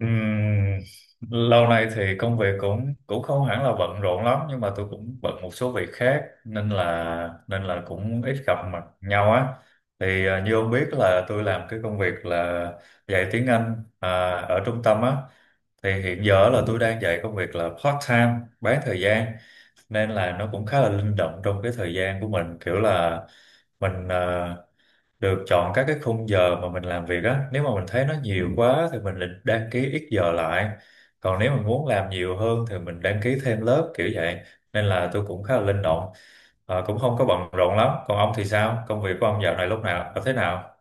Ừm, lâu nay thì công việc cũng cũng không hẳn là bận rộn lắm, nhưng mà tôi cũng bận một số việc khác nên là cũng ít gặp mặt nhau á. Thì như ông biết là tôi làm cái công việc là dạy tiếng Anh, ở trung tâm á. Thì hiện giờ là tôi đang dạy công việc là part time, bán thời gian, nên là nó cũng khá là linh động trong cái thời gian của mình, kiểu là mình được chọn các cái khung giờ mà mình làm việc á. Nếu mà mình thấy nó nhiều quá thì mình định đăng ký ít giờ lại, còn nếu mình muốn làm nhiều hơn thì mình đăng ký thêm lớp, kiểu vậy. Nên là tôi cũng khá là linh động. Ờ, cũng không có bận rộn lắm. Còn ông thì sao, công việc của ông dạo này lúc nào thế nào?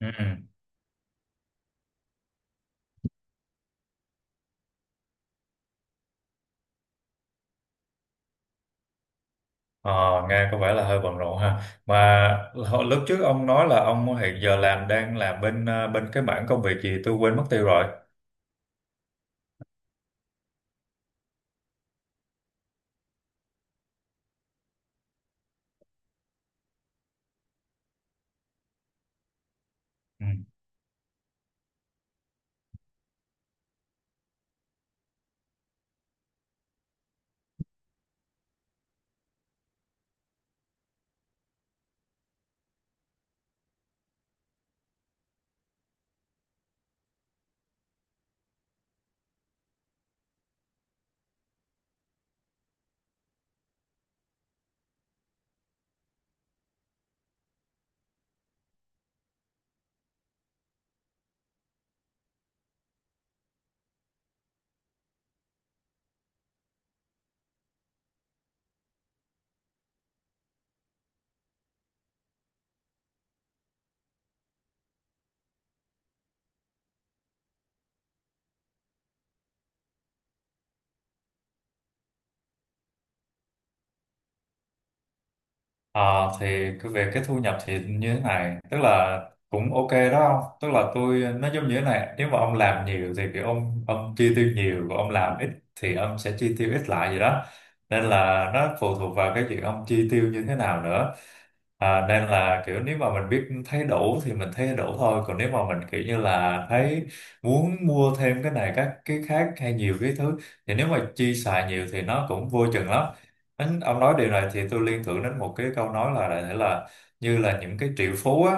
Ừ. Ừ. Ờ, nghe có vẻ là hơi bận rộn ha. Mà lúc trước ông nói là ông hiện giờ đang làm bên cái mảng công việc gì tôi quên mất tiêu rồi. Ừ. Ờ, thì cái về cái thu nhập thì như thế này, tức là cũng ok đó ông. Tức là tôi, nó giống như thế này, nếu mà ông làm nhiều thì kiểu ông chi tiêu nhiều, và ông làm ít thì ông sẽ chi tiêu ít lại gì đó. Nên là nó phụ thuộc vào cái chuyện ông chi tiêu như thế nào nữa. Nên là, kiểu nếu mà mình biết thấy đủ thì mình thấy đủ thôi, còn nếu mà mình kiểu như là thấy muốn mua thêm cái này các cái khác hay nhiều cái thứ, thì nếu mà chi xài nhiều thì nó cũng vô chừng lắm. Ông nói điều này thì tôi liên tưởng đến một cái câu nói là đại thể là như là những cái triệu phú á,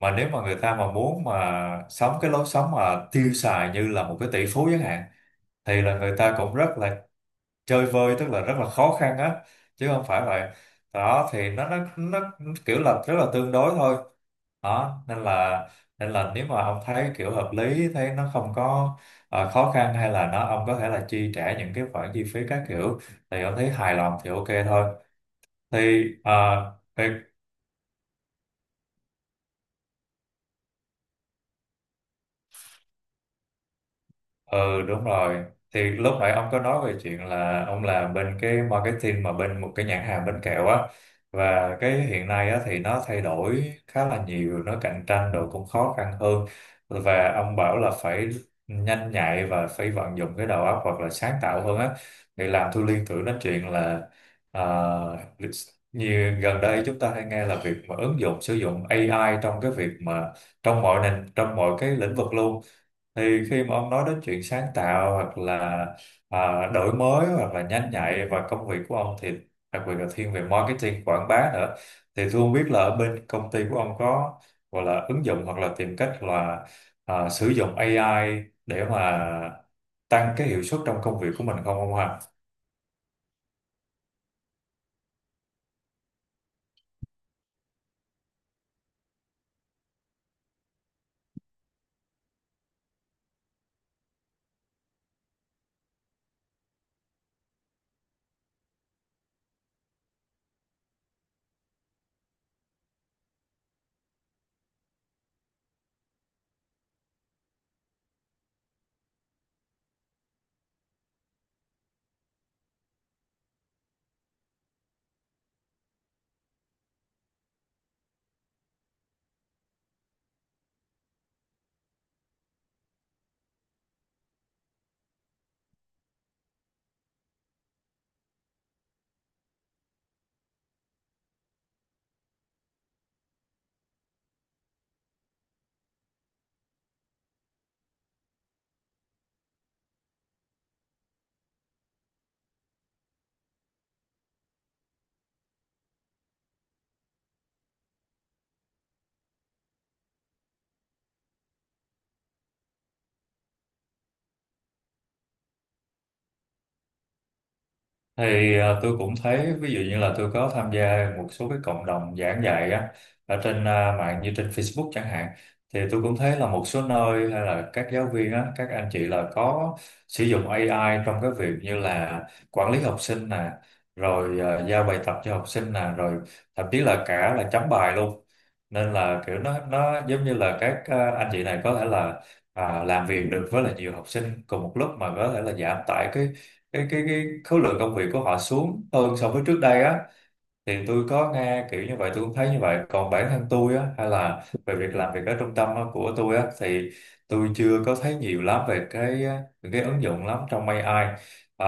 mà nếu mà người ta mà muốn mà sống cái lối sống mà tiêu xài như là một cái tỷ phú chẳng hạn, thì là người ta cũng rất là chơi vơi, tức là rất là khó khăn á, chứ không phải vậy. Đó thì nó kiểu là rất là tương đối thôi. Đó, nên là nếu mà ông thấy kiểu hợp lý, thấy nó không có khó khăn, hay là nó, ông có thể là chi trả những cái khoản chi phí các kiểu, thì ông thấy hài lòng thì ok thôi. Thì à, thì ừ đúng rồi. Thì lúc nãy ông có nói về chuyện là ông làm bên cái marketing, mà bên một cái nhãn hàng bánh kẹo á, và cái hiện nay á thì nó thay đổi khá là nhiều, nó cạnh tranh rồi cũng khó khăn hơn, và ông bảo là phải nhanh nhạy và phải vận dụng cái đầu óc hoặc là sáng tạo hơn á. Thì làm tôi liên tưởng đến chuyện là, à, như gần đây chúng ta hay nghe là việc mà ứng dụng sử dụng AI trong cái việc mà, trong mọi nền, trong mọi cái lĩnh vực luôn. Thì khi mà ông nói đến chuyện sáng tạo hoặc là đổi mới hoặc là nhanh nhạy, và công việc của ông thì đặc biệt là thiên về marketing quảng bá nữa, thì tôi không biết là ở bên công ty của ông có gọi là ứng dụng hoặc là tìm cách là sử dụng AI để mà tăng cái hiệu suất trong công việc của mình không ông ha? Thì tôi cũng thấy, ví dụ như là tôi có tham gia một số cái cộng đồng giảng dạy á, ở trên mạng, như trên Facebook chẳng hạn. Thì tôi cũng thấy là một số nơi, hay là các giáo viên á, các anh chị là có sử dụng AI trong cái việc như là quản lý học sinh nè, rồi giao bài tập cho học sinh nè, rồi thậm chí là cả là chấm bài luôn. Nên là kiểu nó giống như là các anh chị này có thể là làm việc được với là nhiều học sinh cùng một lúc, mà có thể là giảm tải cái khối lượng công việc của họ xuống, hơn so với trước đây á. Thì tôi có nghe kiểu như vậy, tôi cũng thấy như vậy. Còn bản thân tôi á, hay là về việc làm việc ở trung tâm á, của tôi á, thì tôi chưa có thấy nhiều lắm về cái, những cái ứng dụng lắm trong AI. à,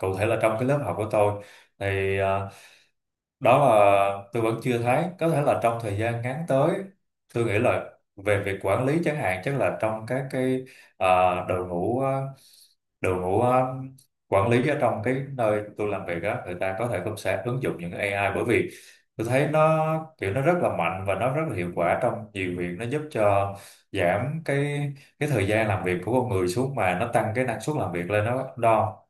Cụ thể là trong cái lớp học của tôi thì, đó là tôi vẫn chưa thấy. Có thể là trong thời gian ngắn tới, tôi nghĩ là về việc quản lý chẳng hạn, chắc là trong các cái, à, đội ngũ đội ngũ quản lý ở trong cái nơi tôi làm việc á, người ta có thể cũng sẽ ứng dụng những cái AI, bởi vì tôi thấy nó, kiểu nó rất là mạnh và nó rất là hiệu quả trong nhiều việc, nó giúp cho giảm cái thời gian làm việc của con người xuống, mà nó tăng cái năng suất làm việc lên đó đó.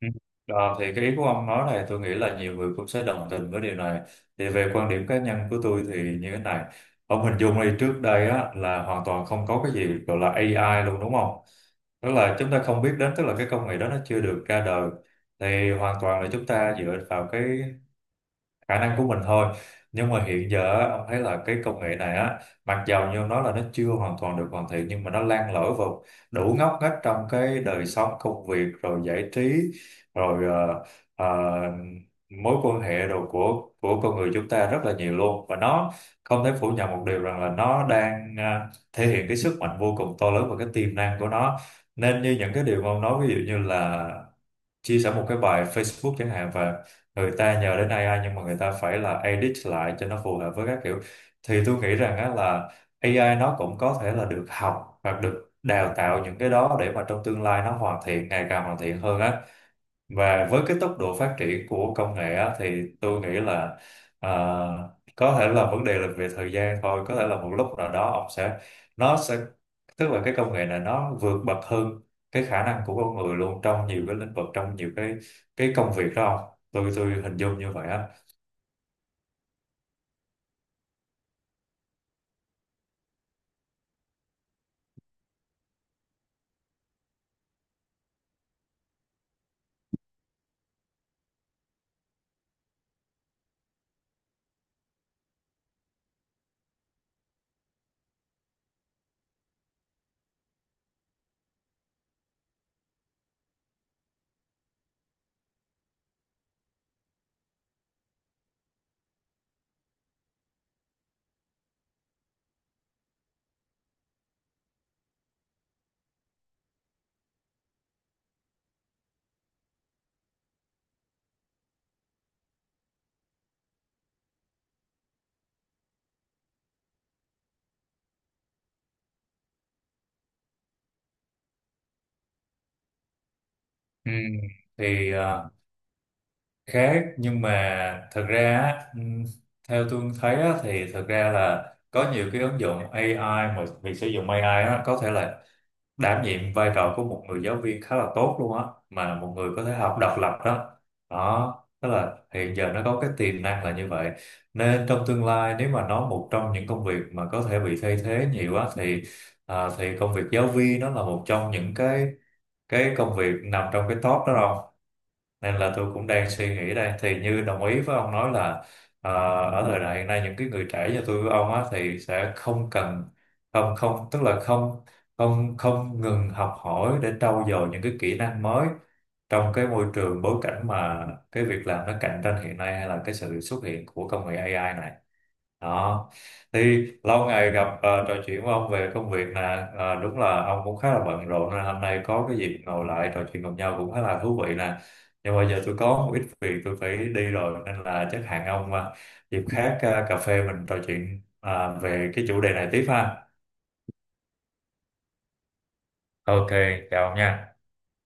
Ừ. Ờ, thì cái ý của ông nói này, tôi nghĩ là nhiều người cũng sẽ đồng tình với điều này. Thì về quan điểm cá nhân của tôi thì như thế này: ông hình dung đi, trước đây á, là hoàn toàn không có cái gì gọi là AI luôn, đúng không? Tức là chúng ta không biết đến, tức là cái công nghệ đó nó chưa được ra đời, thì hoàn toàn là chúng ta dựa vào cái khả năng của mình thôi. Nhưng mà hiện giờ á, ông thấy là cái công nghệ này á, mặc dầu như ông nói là nó chưa hoàn toàn được hoàn thiện, nhưng mà nó lan lỡ vào đủ ngóc ngách trong cái đời sống, công việc, rồi giải trí, rồi ờ, ờ, mối quan hệ đồ của con người chúng ta rất là nhiều luôn, và nó không thể phủ nhận một điều rằng là nó đang thể hiện cái sức mạnh vô cùng to lớn và cái tiềm năng của nó. Nên như những cái điều mà ông nói, ví dụ như là chia sẻ một cái bài Facebook chẳng hạn, và người ta nhờ đến AI, nhưng mà người ta phải là edit lại cho nó phù hợp với các kiểu, thì tôi nghĩ rằng á là AI nó cũng có thể là được học hoặc được đào tạo những cái đó, để mà trong tương lai nó hoàn thiện, ngày càng hoàn thiện hơn á. Và với cái tốc độ phát triển của công nghệ á, thì tôi nghĩ là, à, có thể là vấn đề là về thời gian thôi, có thể là một lúc nào đó ông sẽ nó sẽ, tức là cái công nghệ này nó vượt bậc hơn cái khả năng của con người luôn, trong nhiều cái lĩnh vực, trong nhiều cái công việc đó, không? Tôi hình dung như vậy á. Ừ. Thì à, Khác, nhưng mà thật ra á, theo tôi thấy á, thì thật ra là có nhiều cái ứng dụng AI, mà việc sử dụng AI á, có thể là đảm nhiệm vai trò của một người giáo viên khá là tốt luôn á, mà một người có thể học độc lập đó. Đó, tức là hiện giờ nó có cái tiềm năng là như vậy. Nên trong tương lai, nếu mà nó, một trong những công việc mà có thể bị thay thế nhiều á, thì công việc giáo viên nó là một trong những cái công việc nằm trong cái top đó rồi. Nên là tôi cũng đang suy nghĩ đây, thì như đồng ý với ông nói là, ờ, ở thời đại hiện nay, những cái người trẻ như tôi với ông á thì sẽ không cần không không tức là không không không ngừng học hỏi để trau dồi những cái kỹ năng mới, trong cái môi trường bối cảnh mà cái việc làm nó cạnh tranh hiện nay, hay là cái sự xuất hiện của công nghệ AI này. Đó, thì lâu ngày gặp, trò chuyện với ông về công việc nè, đúng là ông cũng khá là bận rộn, nên hôm nay có cái dịp ngồi lại trò chuyện cùng nhau cũng khá là thú vị nè. Nhưng mà giờ tôi có một ít việc tôi phải đi rồi, nên là chắc hẹn ông, dịp khác, cà phê mình trò chuyện, về cái chủ đề này tiếp ha. Ok, chào ông nha.